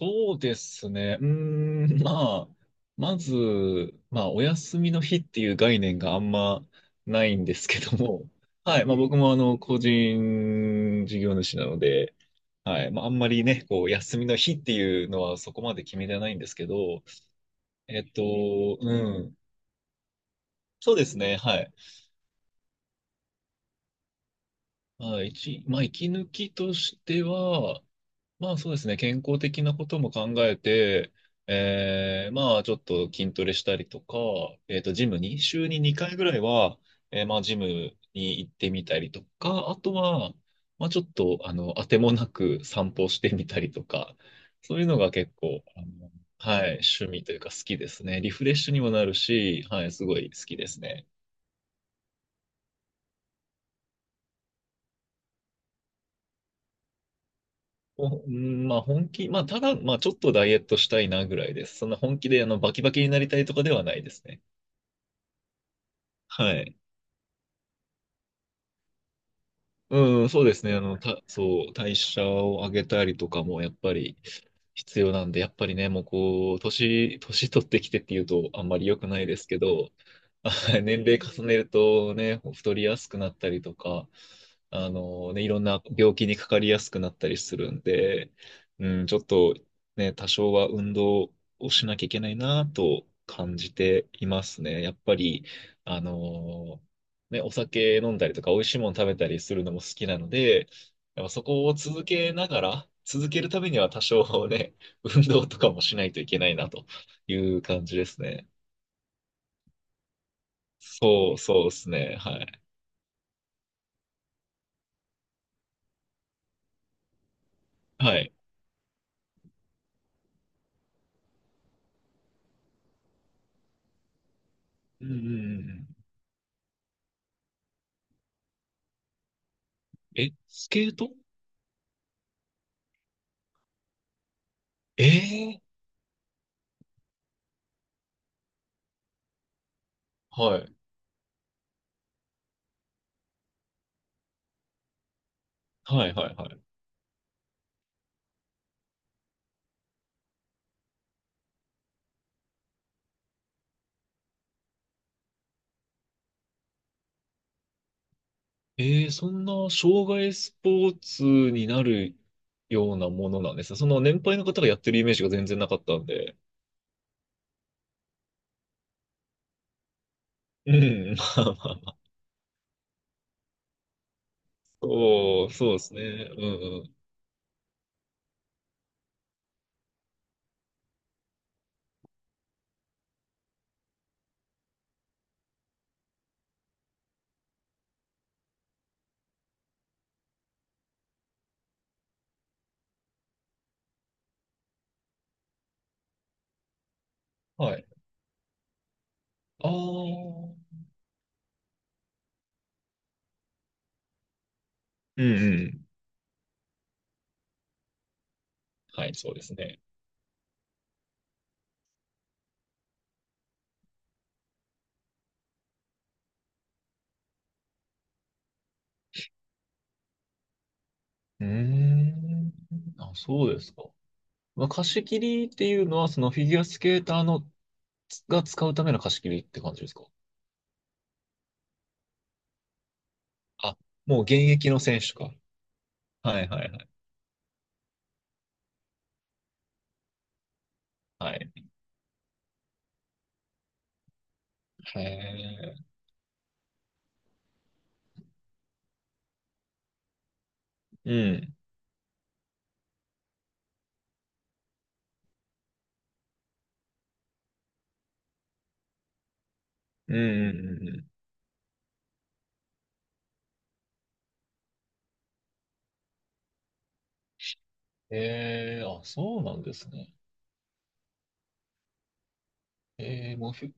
そうですね。ん、まあ、まず、お休みの日っていう概念があんまないんですけども、はい、まあ僕も個人事業主なので、はい、まああんまりね、こう、休みの日っていうのはそこまで決めてないんですけど、えっと、うん、そうですね、はい。はい、まあ、息抜きとしては、まあそうですね、健康的なことも考えて、まあちょっと筋トレしたりとか、ジムに、週に2回ぐらいは、まあジムに行ってみたりとか、あとは、まあちょっと、当てもなく散歩してみたりとか、そういうのが結構、はい、趣味というか好きですね。リフレッシュにもなるし、はい、すごい好きですね。おうんまあ本気、まあただ、まあちょっとダイエットしたいなぐらいです。そんな本気でバキバキになりたいとかではないですね。はい。うん、そうですね。あの、た、そう、代謝を上げたりとかもやっぱり必要なんで、やっぱりね、もうこう、年取ってきてっていうとあんまり良くないですけど、あ年齢重ねるとね、太りやすくなったりとか、あのね、いろんな病気にかかりやすくなったりするんで、うん、ちょっとね、多少は運動をしなきゃいけないなと感じていますね。やっぱり、あのね、お酒飲んだりとか、美味しいもの食べたりするのも好きなので、やっぱそこを続けながら、続けるためには多少ね、運動とかもしないといけないなという感じですね。そうそうですね。はい。はい。うんうんうんうん。え、スケート。ええー。はい。はいはいはい。そんな障害スポーツになるようなものなんですね。その年配の方がやってるイメージが全然なかったんで。うん、まあまあ。おー、そうですね。うんうん。はい。ああ、うんうん。はい、そうですね。うーん。あ、そうですか。まあ、貸し切りっていうのは、そのフィギュアスケーターのつが使うための貸し切りって感じですか？あ、もう現役の選手か。はいはいはい。はい。へえ。うん。うんうんうんうん。ええ、あ、そうなんですね。ええ、もうフィ、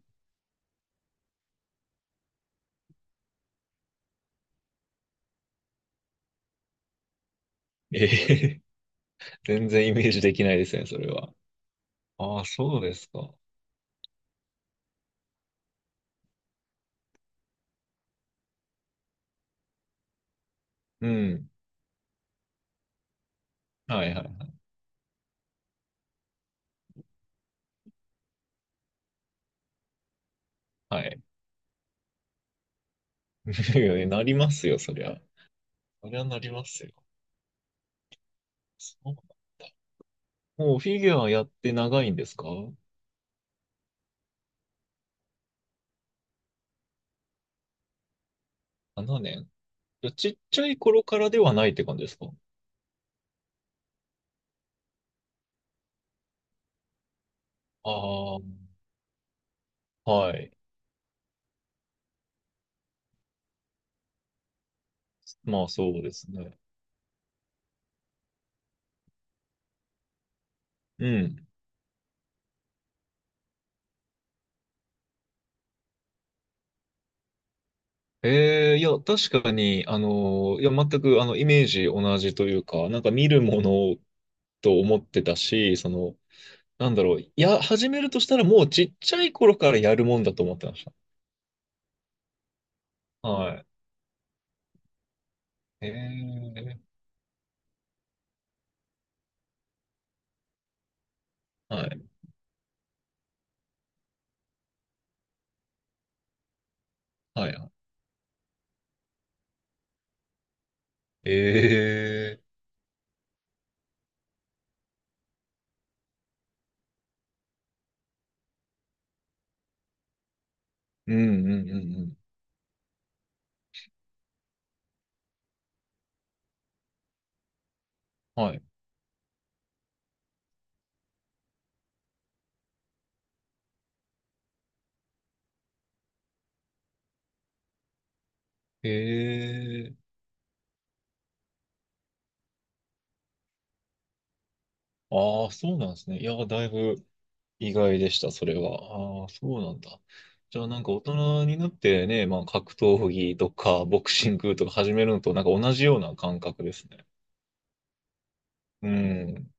ええ、全然イメージできないですね、それは。ああ、そうですか。うん。はいはい。はい。い、なりますよ、そりゃ。そりゃなりますよ。そうなんだ。もうフィギュアやって長いんですか？ 7年 年？いや、ちっちゃい頃からではないって感じですか？ああー、はい。まあそうですね。うん。ええ、いや、確かに、いや、全く、イメージ同じというか、なんか見るものと思ってたし、その、なんだろう、いや、始めるとしたらもうちっちゃい頃からやるもんだと思ってました。はい。ええ。はい。はい。ええ。うんうんうんうん。はい。ええ。ああ、そうなんですね。いや、だいぶ意外でした、それは。ああ、そうなんだ。じゃあ、なんか大人になってね、まあ、格闘技とか、ボクシングとか始めるのと、なんか同じような感覚ですね。うん。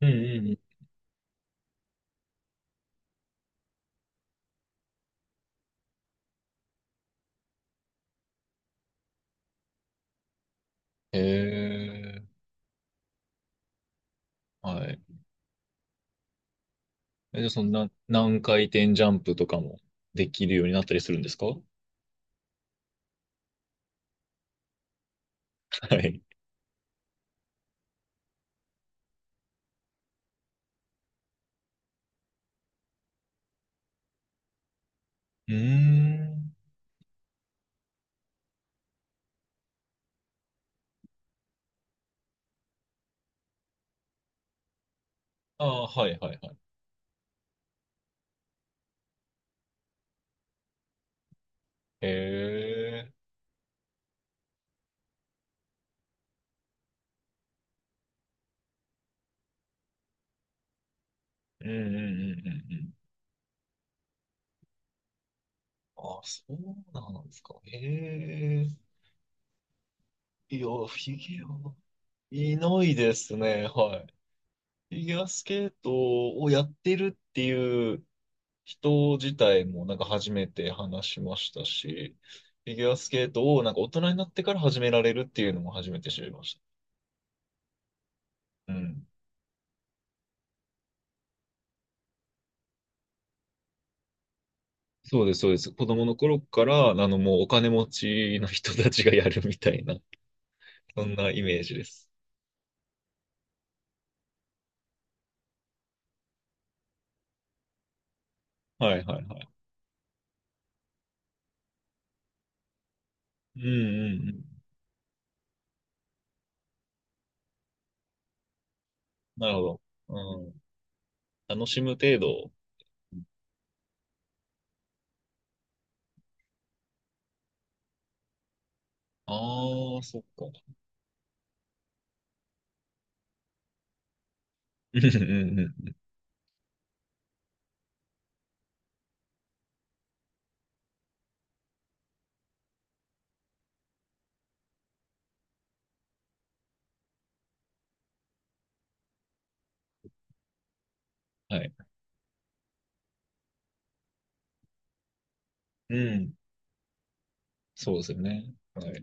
うんうんうん。ええ。はい。え、じゃあ、そんな、何回転ジャンプとかもできるようになったりするんですか？はい。うーん。ああ、はいはいはい。へえ。うんうんうんうんうん。あ、そうなんですか。ええ、いや、フィギュア、いないですね。はい。フィギュアスケートをやってるっていう人自体もなんか初めて話しましたし、フィギュアスケートをなんか大人になってから始められるっていうのも初めて知りました。うん。そうです、そうです。子供の頃から、もうお金持ちの人たちがやるみたいな、そんなイメージです。はいはいはい。うんうん。なるほど。うん。楽しむ程度。ああ、そっか。うんうんうん。はい。うん。そうですよね。はい。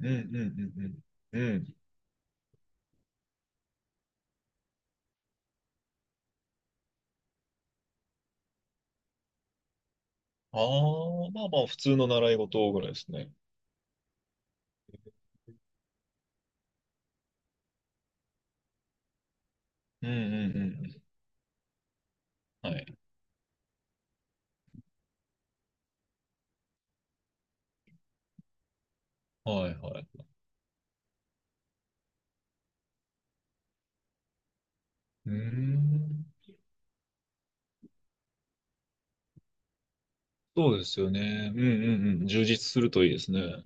うんうんうんうん。うん。ああ、まあまあ、普通の習い事ぐらいですね。うんうんうん。はいはいはい。うーん。そうですよね。うんうんうん。充実するといいですね。う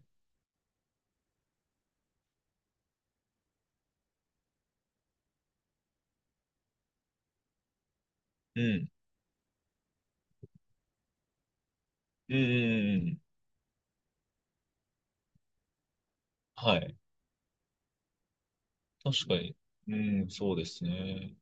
ん。うんうんうんうん。はい。確かに。うん、そうですね。